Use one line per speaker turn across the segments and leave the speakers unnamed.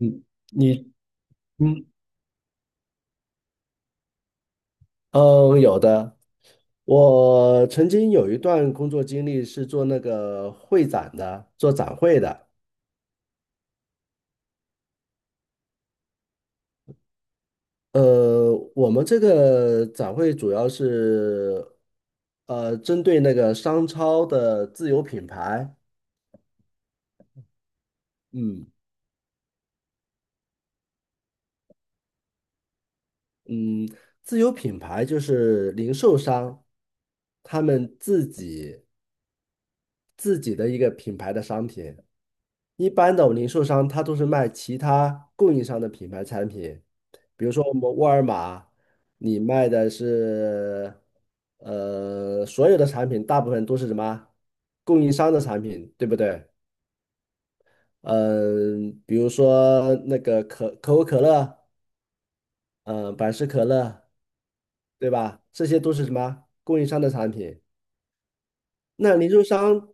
嗯，你嗯嗯，有的。我曾经有一段工作经历是做那个会展的，做展会的。我们这个展会主要是针对那个商超的自有品牌。嗯嗯，自有品牌就是零售商他们自己的一个品牌的商品。一般的我们零售商他都是卖其他供应商的品牌产品，比如说我们沃尔玛，你卖的是所有的产品，大部分都是什么供应商的产品，对不对？嗯、比如说那个可口可乐，嗯、百事可乐，对吧？这些都是什么供应商的产品。那零售商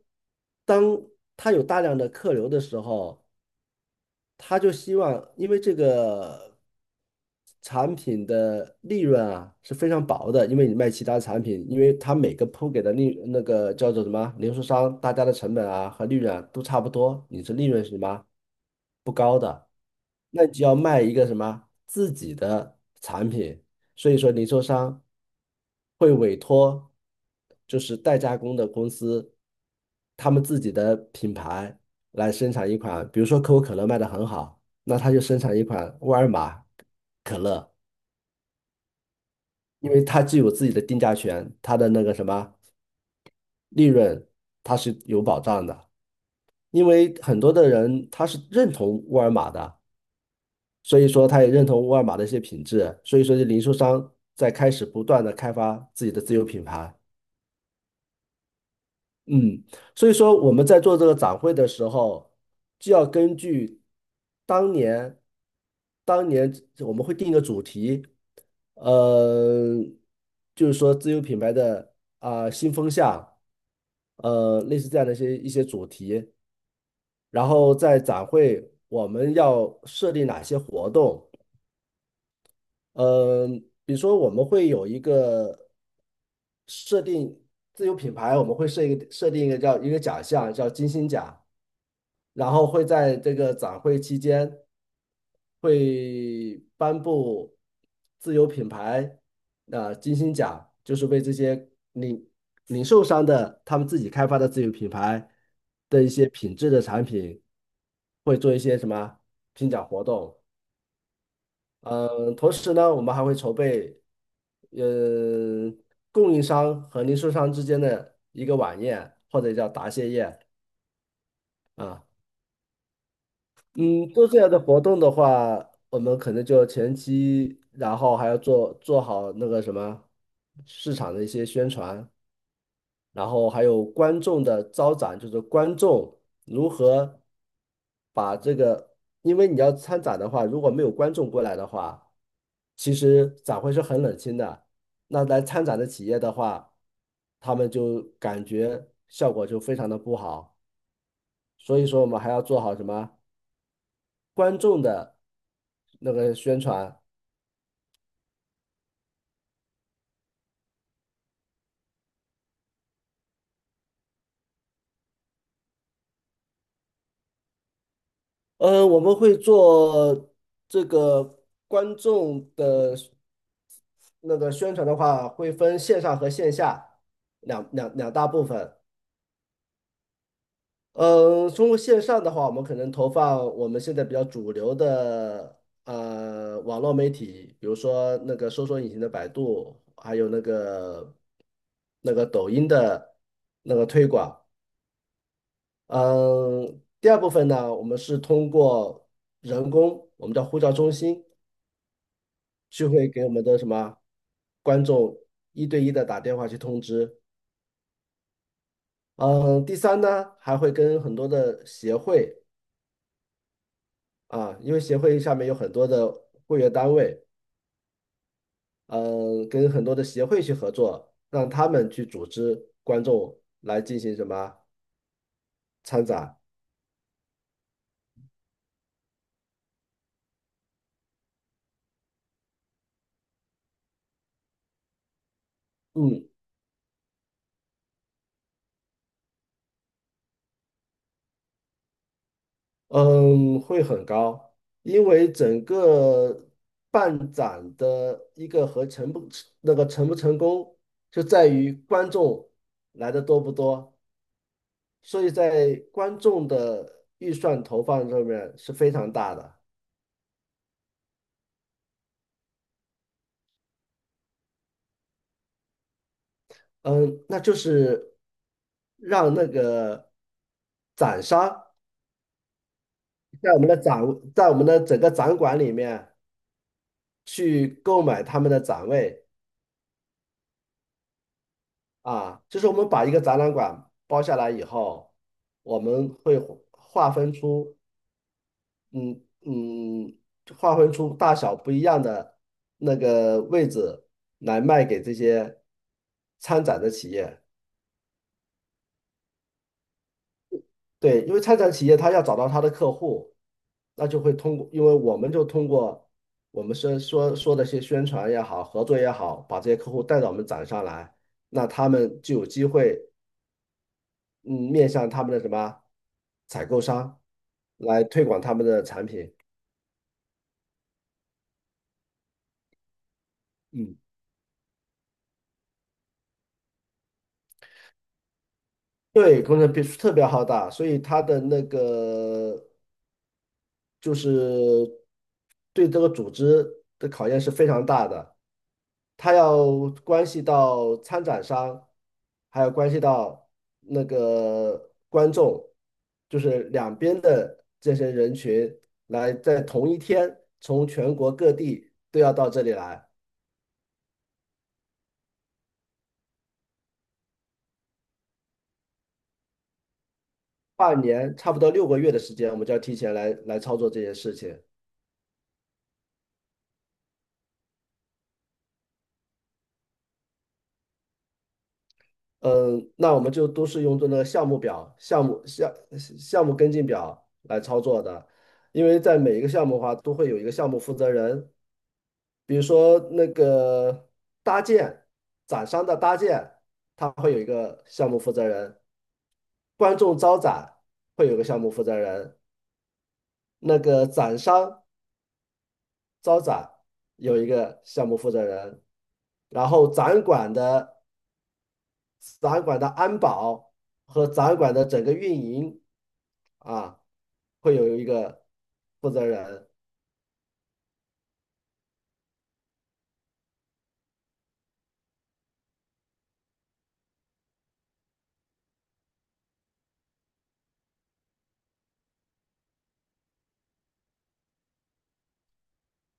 当他有大量的客流的时候，他就希望，因为这个产品的利润啊是非常薄的，因为你卖其他产品，因为他每个铺给的那个叫做什么零售商，大家的成本啊和利润啊都差不多，你是利润是什么不高的，那你就要卖一个什么自己的产品，所以说零售商会委托就是代加工的公司，他们自己的品牌来生产一款，比如说可口可乐卖得很好，那他就生产一款沃尔玛可乐，因为它具有自己的定价权，它的那个什么利润它是有保障的，因为很多的人他是认同沃尔玛的。所以说他也认同沃尔玛的一些品质，所以说这零售商在开始不断的开发自己的自有品牌。嗯，所以说我们在做这个展会的时候，就要根据当年，当年我们会定一个主题，呃，就是说自有品牌的啊、新风向，类似这样的一些主题，然后在展会我们要设立哪些活动，嗯，比如说我们会有一个设定自有品牌，我们会设定一个叫一个奖项叫金星奖，然后会在这个展会期间会颁布自有品牌啊、金星奖，就是为这些零售商的他们自己开发的自有品牌的一些品质的产品，会做一些什么评奖活动。嗯，同时呢，我们还会筹备，呃，供应商和零售商之间的一个晚宴，或者叫答谢宴啊。嗯，做这样的活动的话，我们可能就前期，然后还要做好那个什么市场的一些宣传。然后还有观众的招展，就是观众如何把这个，因为你要参展的话，如果没有观众过来的话，其实展会是很冷清的。那来参展的企业的话，他们就感觉效果就非常的不好。所以说，我们还要做好什么观众的那个宣传。我们会做这个观众的那个宣传的话，会分线上和线下两大部分。嗯，通过线上的话，我们可能投放我们现在比较主流的网络媒体，比如说那个搜索引擎的百度，还有那个抖音的那个推广。嗯，第二部分呢，我们是通过人工，我们叫呼叫中心，就会给我们的什么观众一对一的打电话去通知。嗯，第三呢，还会跟很多的协会啊，因为协会下面有很多的会员单位，嗯，跟很多的协会去合作，让他们去组织观众来进行什么参展。嗯嗯，会很高，因为整个办展的一个和成不那个成不成功，就在于观众来的多不多，所以在观众的预算投放上面是非常大的。嗯，那就是让那个展商在我们的展，在我们的整个展馆里面去购买他们的展位啊，就是我们把一个展览馆包下来以后，我们会划分出，嗯嗯，划分出大小不一样的那个位置来卖给这些参展的企业。对，因为参展企业他要找到他的客户，那就会通过，因为我们就通过我们说的些宣传也好，合作也好，把这些客户带到我们展上来，那他们就有机会，嗯，面向他们的什么采购商来推广他们的产品。嗯，对，工程必须特别浩大，所以他的那个就是对这个组织的考验是非常大的，它要关系到参展商，还有关系到那个观众，就是两边的这些人群来在同一天从全国各地都要到这里来，半年差不多六个月的时间，我们就要提前来操作这些事情。嗯，那我们就都是用这个项目表、项目跟进表来操作的，因为在每一个项目的话，都会有一个项目负责人，比如说那个搭建展商的搭建，他会有一个项目负责人；观众招展会有个项目负责人，那个展商招展有一个项目负责人，然后展览馆的安保和展览馆的整个运营啊，会有一个负责人。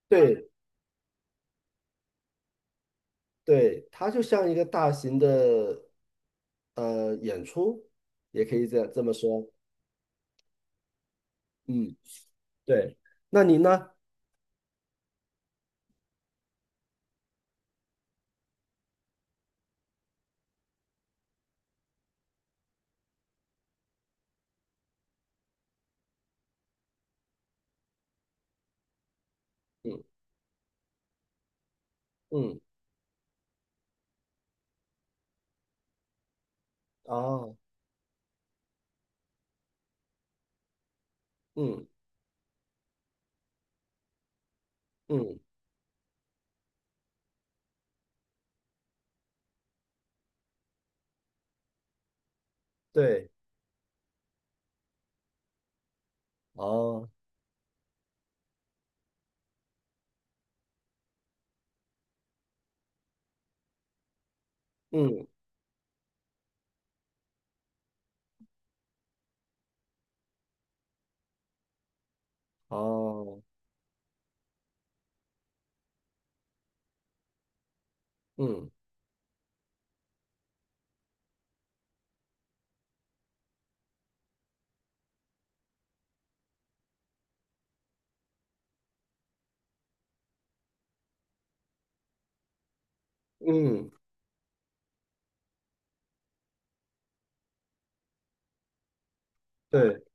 对对，它就像一个大型的演出，也可以这么说。嗯，对。那您呢？嗯嗯，哦，嗯嗯，对，哦，嗯哦，嗯嗯，对，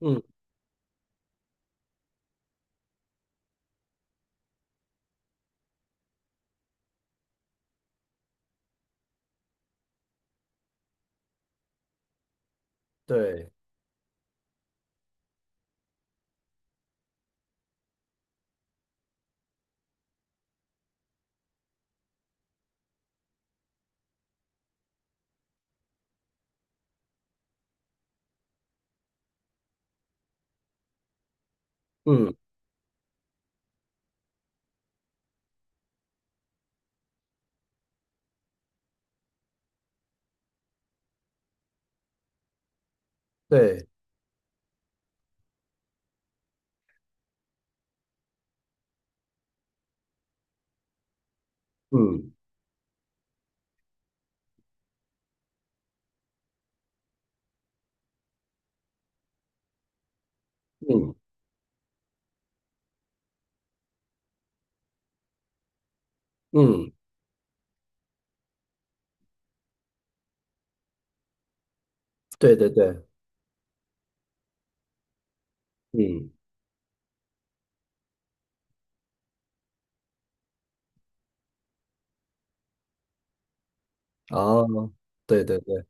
嗯对，嗯对，嗯嗯嗯，对对对，嗯。哦，对对对，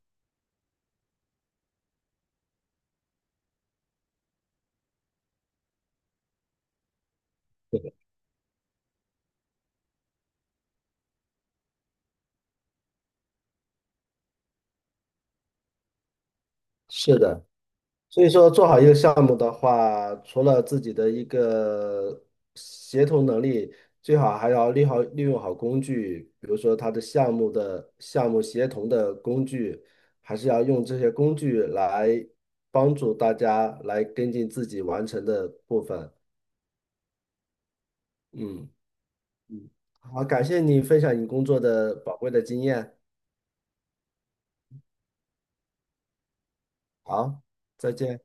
对的，是的。所以说，做好一个项目的话，除了自己的一个协同能力，最好还要利用好工具，比如说它的项目协同的工具，还是要用这些工具来帮助大家来跟进自己完成的部分。嗯嗯，好，感谢你分享你工作的宝贵的经验。好，再见。